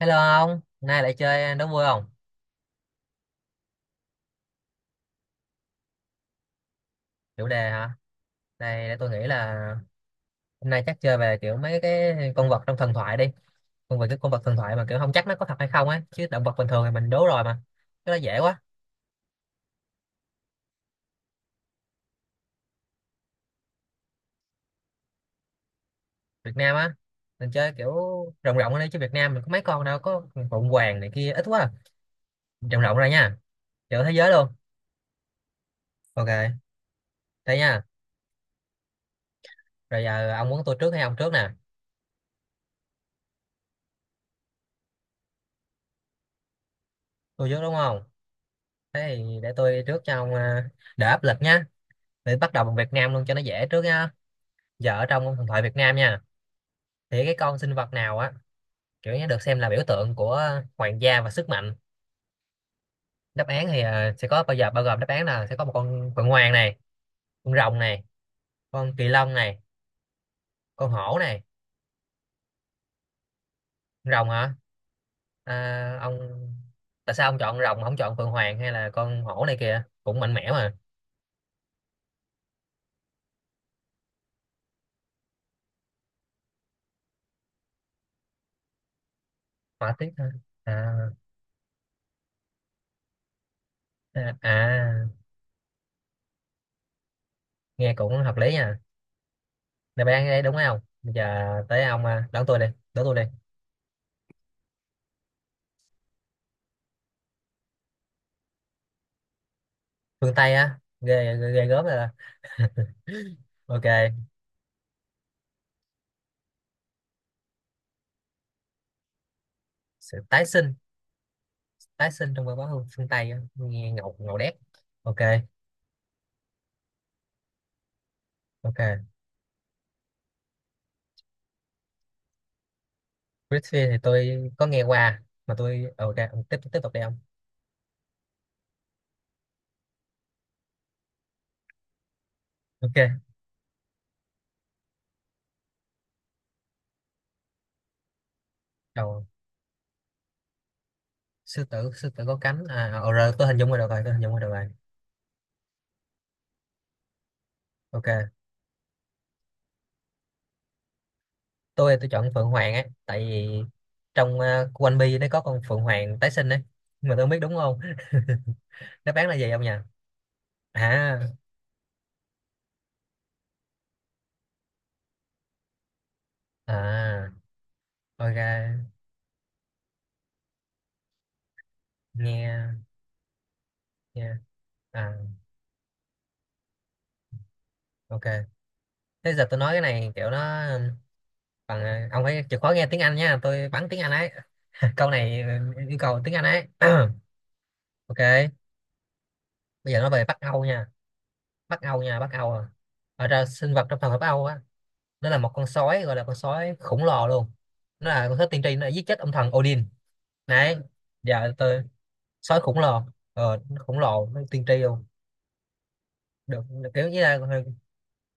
Hello ông, hôm nay lại chơi đố vui không? Chủ đề hả? Này để tôi nghĩ là hôm nay chắc chơi về kiểu mấy cái con vật trong thần thoại đi. Con vật thần thoại mà kiểu không chắc nó có thật hay không á, chứ động vật bình thường thì mình đố rồi mà. Cái đó dễ quá. Việt Nam á, mình chơi kiểu rộng rộng ra đi chứ Việt Nam mình có mấy con đâu, có phụng hoàng này kia ít quá. À. Rộng rộng ra nha, kiểu thế giới luôn. Ok, thế nha. Rồi giờ ông muốn tôi trước hay ông trước nè? Tôi trước đúng không? Thế thì để tôi đi trước cho ông, đỡ áp lực nhá. Để bắt đầu bằng Việt Nam luôn cho nó dễ trước nha. Giờ ở trong thần thoại Việt Nam nha, thì cái con sinh vật nào á, kiểu như được xem là biểu tượng của hoàng gia và sức mạnh. Đáp án thì sẽ có, bao gồm đáp án là sẽ có một con phượng hoàng này, con rồng này, con kỳ lân này, con hổ này. Con rồng hả? À, ông, tại sao ông chọn rồng mà không chọn phượng hoàng hay là con hổ này kìa, cũng mạnh mẽ mà. Hỏa tiết hả? À, à, à, nghe cũng hợp lý nha. Đáp án đấy đúng không? Bây giờ tới ông, đón tôi đi. Đón tôi đi. Phương Tây á, ghê ghê, ghê gớm rồi đó. Ok. Sự tái sinh. Tái sinh trong văn hóa phương Tây á, nghe ngầu ngầu đét. Ok. Ok. Britfield thì tôi có nghe qua mà tôi ok, ông tiếp tiếp tục đi ông. Ok. Đầu sư tử có cánh à, rồi tôi hình dung rồi được rồi, tôi hình dung rồi được rồi. Ok. Tôi chọn Phượng Hoàng á, tại vì trong One Piece nó có con Phượng Hoàng tái sinh đấy, nhưng mà tôi không biết đúng không. Đáp án là gì ông nhỉ? À. À. Ok. Nghe. Nghe. À. Ok. Thế giờ tôi nói cái này kiểu nó còn, ông phải chịu khó nghe tiếng Anh nha, tôi bắn tiếng Anh ấy. Câu này yêu cầu tiếng Anh ấy. Ok. Bây giờ nói về Bắc Âu nha. Bắc Âu nha, Bắc Âu à. Ở ra Sinh vật trong thần ở Bắc Âu á, nó là một con sói, gọi là con sói khổng lồ luôn. Nó là con sói tiên tri, nó đã giết chết ông thần Odin đấy. Giờ tôi, sói khổng lồ, nó khổng lồ, nó tiên tri luôn. Được, kiểu như là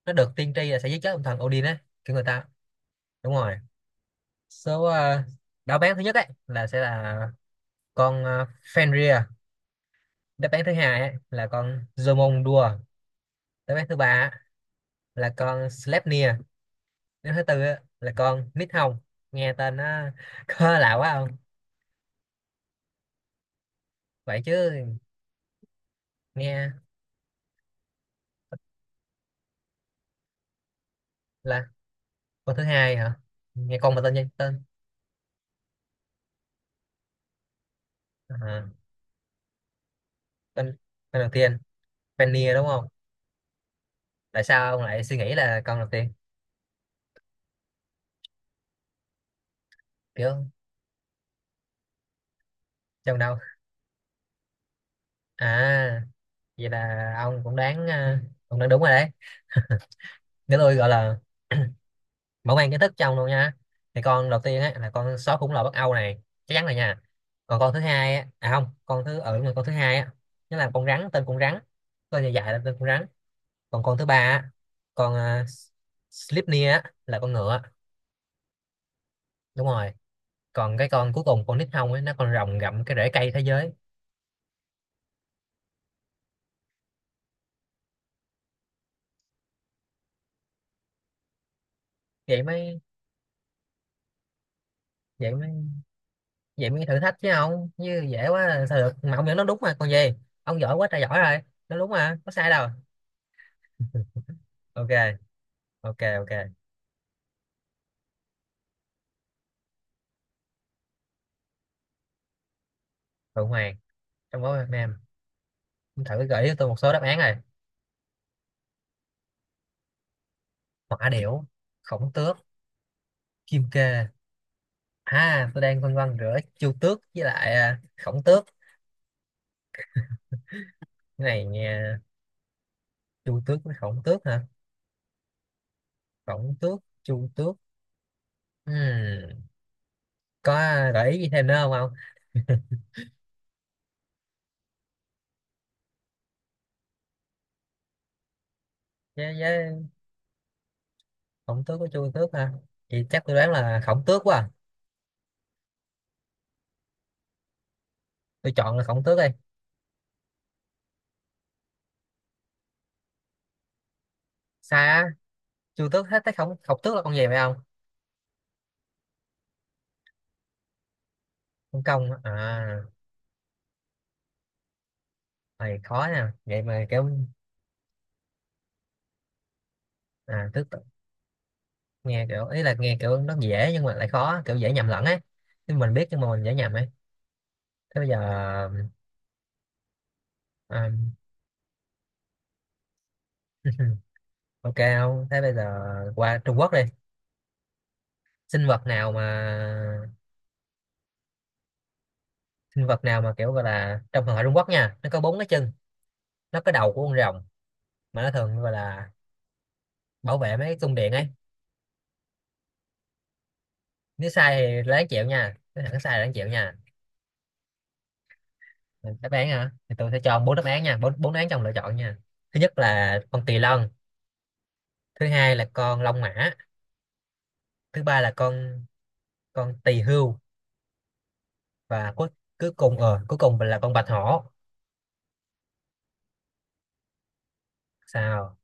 nó được tiên tri là sẽ giết chết ông thần Odin á, kiểu người ta. Đúng rồi. Số Đáp án thứ nhất ấy là sẽ là con Fenrir. Đáp án thứ hai á, là con Zomondua. Đáp án thứ ba á, là con Slepnia. Đáp án thứ tư á, là con Nithong. Nghe tên nó có lạ quá không? Vậy chứ? Nghe là con thứ hai hả? Nghe con mà tên gì? Tên à, tên tên đầu tiên Fennia đúng không? Tại sao ông lại suy nghĩ là con đầu tiên? Kiểu trong đâu? À, vậy là ông cũng đoán à, ông đoán đúng rồi đấy. Nếu tôi gọi là mở mang kiến thức trong luôn nha, thì con đầu tiên á là con sói khủng lồ Bắc Âu này, chắc chắn rồi nha. Còn con thứ hai á, à không, con thứ hai á, nó là con rắn, tên con rắn, tên dài dài là tên con rắn. Còn con thứ ba á, con uh, Slipnir á, là con ngựa. Đúng rồi. Còn cái con cuối cùng con nít hông ấy, nó con rồng gặm cái rễ cây thế giới. Vậy mới vậy mới vậy mới thử thách chứ không như dễ quá là sao được, mà ông nhận nó đúng mà còn gì. Ông giỏi quá trời giỏi rồi, nó đúng mà có sai đâu. Ok. Ok. Ok. Phượng Hoàng trong bóng Việt Nam, thử gợi cho tôi một số đáp án này. Hỏa điểu. Khổng tước. Kim kê. À, tôi đang phân vân giữa chu tước với lại khổng tước. Cái này nghe, chu tước với khổng tước hả? Khổng tước, chu tước. Ừm, có gợi ý gì thêm nữa không không? Với, khổng tước với chu tước hả? Thì chắc tôi đoán là khổng tước quá à. Tôi chọn là khổng tước đi. Sai á? Chu tước, hết thấy khổng khổng tước là con gì vậy không? Con công á. À, này khó nha, vậy mà kiểu, à tước, nghe kiểu, nó dễ nhưng mà lại khó, kiểu dễ nhầm lẫn ấy, nhưng mình biết nhưng mà mình dễ nhầm ấy. Thế bây giờ, à, ok không, thế bây giờ qua Trung Quốc đi. sinh vật nào mà Sinh vật nào mà kiểu gọi là, trong thần thoại Trung Quốc nha, nó có bốn cái chân, nó có đầu của con rồng, mà nó thường gọi là bảo vệ mấy cái cung điện ấy. Nếu sai thì là đáng chịu nha, nếu thằng sai là đáng chịu nha. Đáp án hả? Thì tôi sẽ cho ông bốn đáp án nha, bốn bốn đáp án trong lựa chọn nha. Thứ nhất là con tỳ lân. Thứ hai là con long mã. Thứ ba là con tỳ hưu. Và cuối cuối cùng ờ cuối cùng là con bạch hổ. Sao?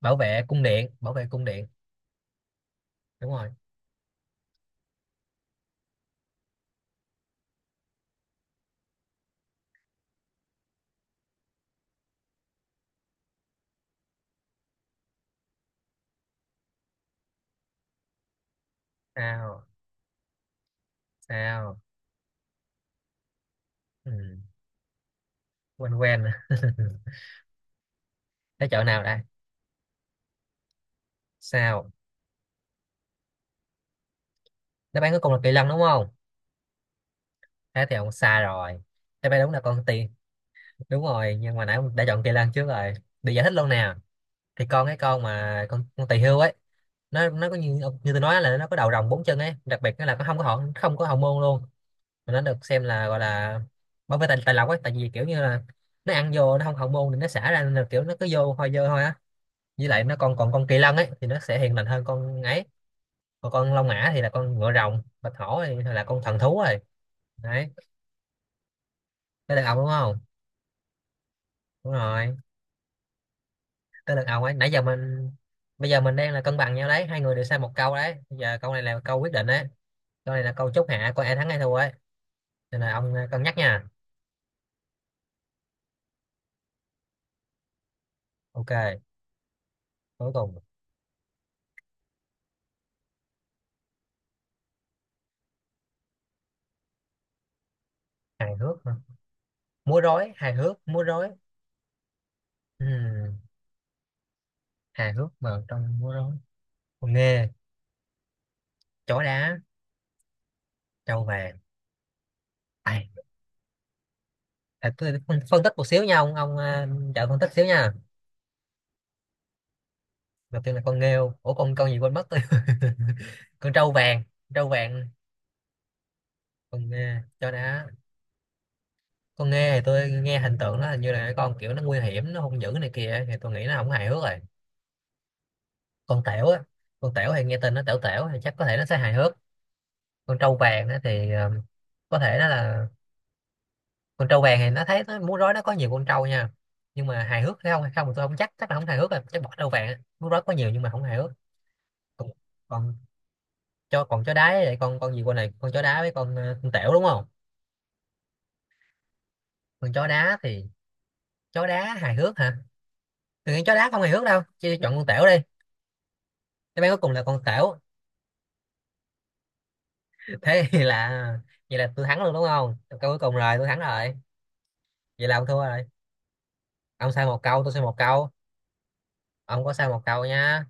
Bảo vệ cung điện, bảo vệ cung điện. Đúng rồi. Sao? Sao? Ừ, quen quen. Thế chợ nào đây? Sao? Đáp án cuối cùng là kỳ lân đúng không? Thế thì ông xa rồi. Đáp án đúng là con tỳ. Đúng rồi, nhưng mà nãy ông đã chọn kỳ lân trước rồi. Để giải thích luôn nè, thì con cái con mà con tỳ hưu ấy, nó có, như như tôi nói là, nó có đầu rồng, bốn chân ấy, đặc biệt nó không có hậu môn luôn. Mà nó được xem là, gọi là, bảo vệ tài lộc ấy, tại vì kiểu như là nó ăn vô, nó không hậu môn thì nó xả ra, nên là kiểu nó cứ vô hôi dơ thôi á. Với lại nó còn, con kỳ lân ấy thì nó sẽ hiền lành hơn con ấy. Còn con long mã thì là con ngựa rồng, bạch hổ thì là con thần thú rồi. Đấy. Tới lượt ông đúng không? Đúng rồi. Tới lượt ông ấy, nãy giờ mình, bây giờ mình đang là cân bằng nhau đấy, hai người đều sai một câu đấy. Bây giờ câu này là câu quyết định đấy, câu này là câu chốt hạ coi ai thắng ai thua ấy, nên là ông, cân nhắc nha. Ok. Cuối cùng. Hài hước hả? Múa rối, hài hước múa rối. Ừm Hài hước mà trong múa rối. Con nghe, chó đá, trâu vàng, ai? À, tôi phân phân tích một xíu nha trợ phân tích xíu nha. Đầu tiên là con nghêu, ủa con gì quên mất, tôi con trâu vàng, trâu vàng, con nghe chó đá. Con nghe thì tôi nghe hình tượng nó, hình như là con kiểu nó nguy hiểm, nó hung dữ này kia, thì tôi nghĩ nó không hài hước rồi. Con tẻo á, con tẻo thì nghe tên nó tẻo tẻo thì chắc có thể nó sẽ hài hước. Con trâu vàng á thì có thể nó là, con trâu vàng thì nó thấy nó múa rối nó có nhiều con trâu nha, nhưng mà hài hước hay không thì tôi không chắc, là không hài hước rồi, chắc bỏ trâu vàng á. Múa rối có nhiều nhưng mà không hài hước. Còn, còn cho, còn chó đá, vậy con gì, con này con chó đá với con tẻo đúng không? Con chó đá thì, chó đá hài hước hả? Từ chó đá không hài hước đâu, chứ chọn con tẻo đi. Đáp án cuối cùng là con tẻo. Thế thì là, vậy là tôi thắng luôn đúng không? Câu cuối cùng rồi tôi thắng rồi. Vậy là ông thua rồi. Ông sai một câu, tôi sai một câu. Ông có sai một câu nha.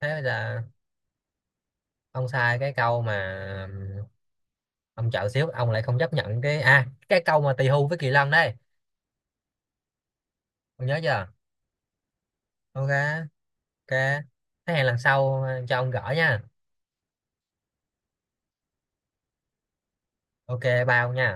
Thế bây giờ, ông sai cái câu mà ông chọn xíu, ông lại không chấp nhận cái câu mà tỳ hưu với kỳ lân đây. Ông nhớ chưa? Ok. Ok. Thế hẹn lần sau, cho ông gỡ nha. Ok bao nha.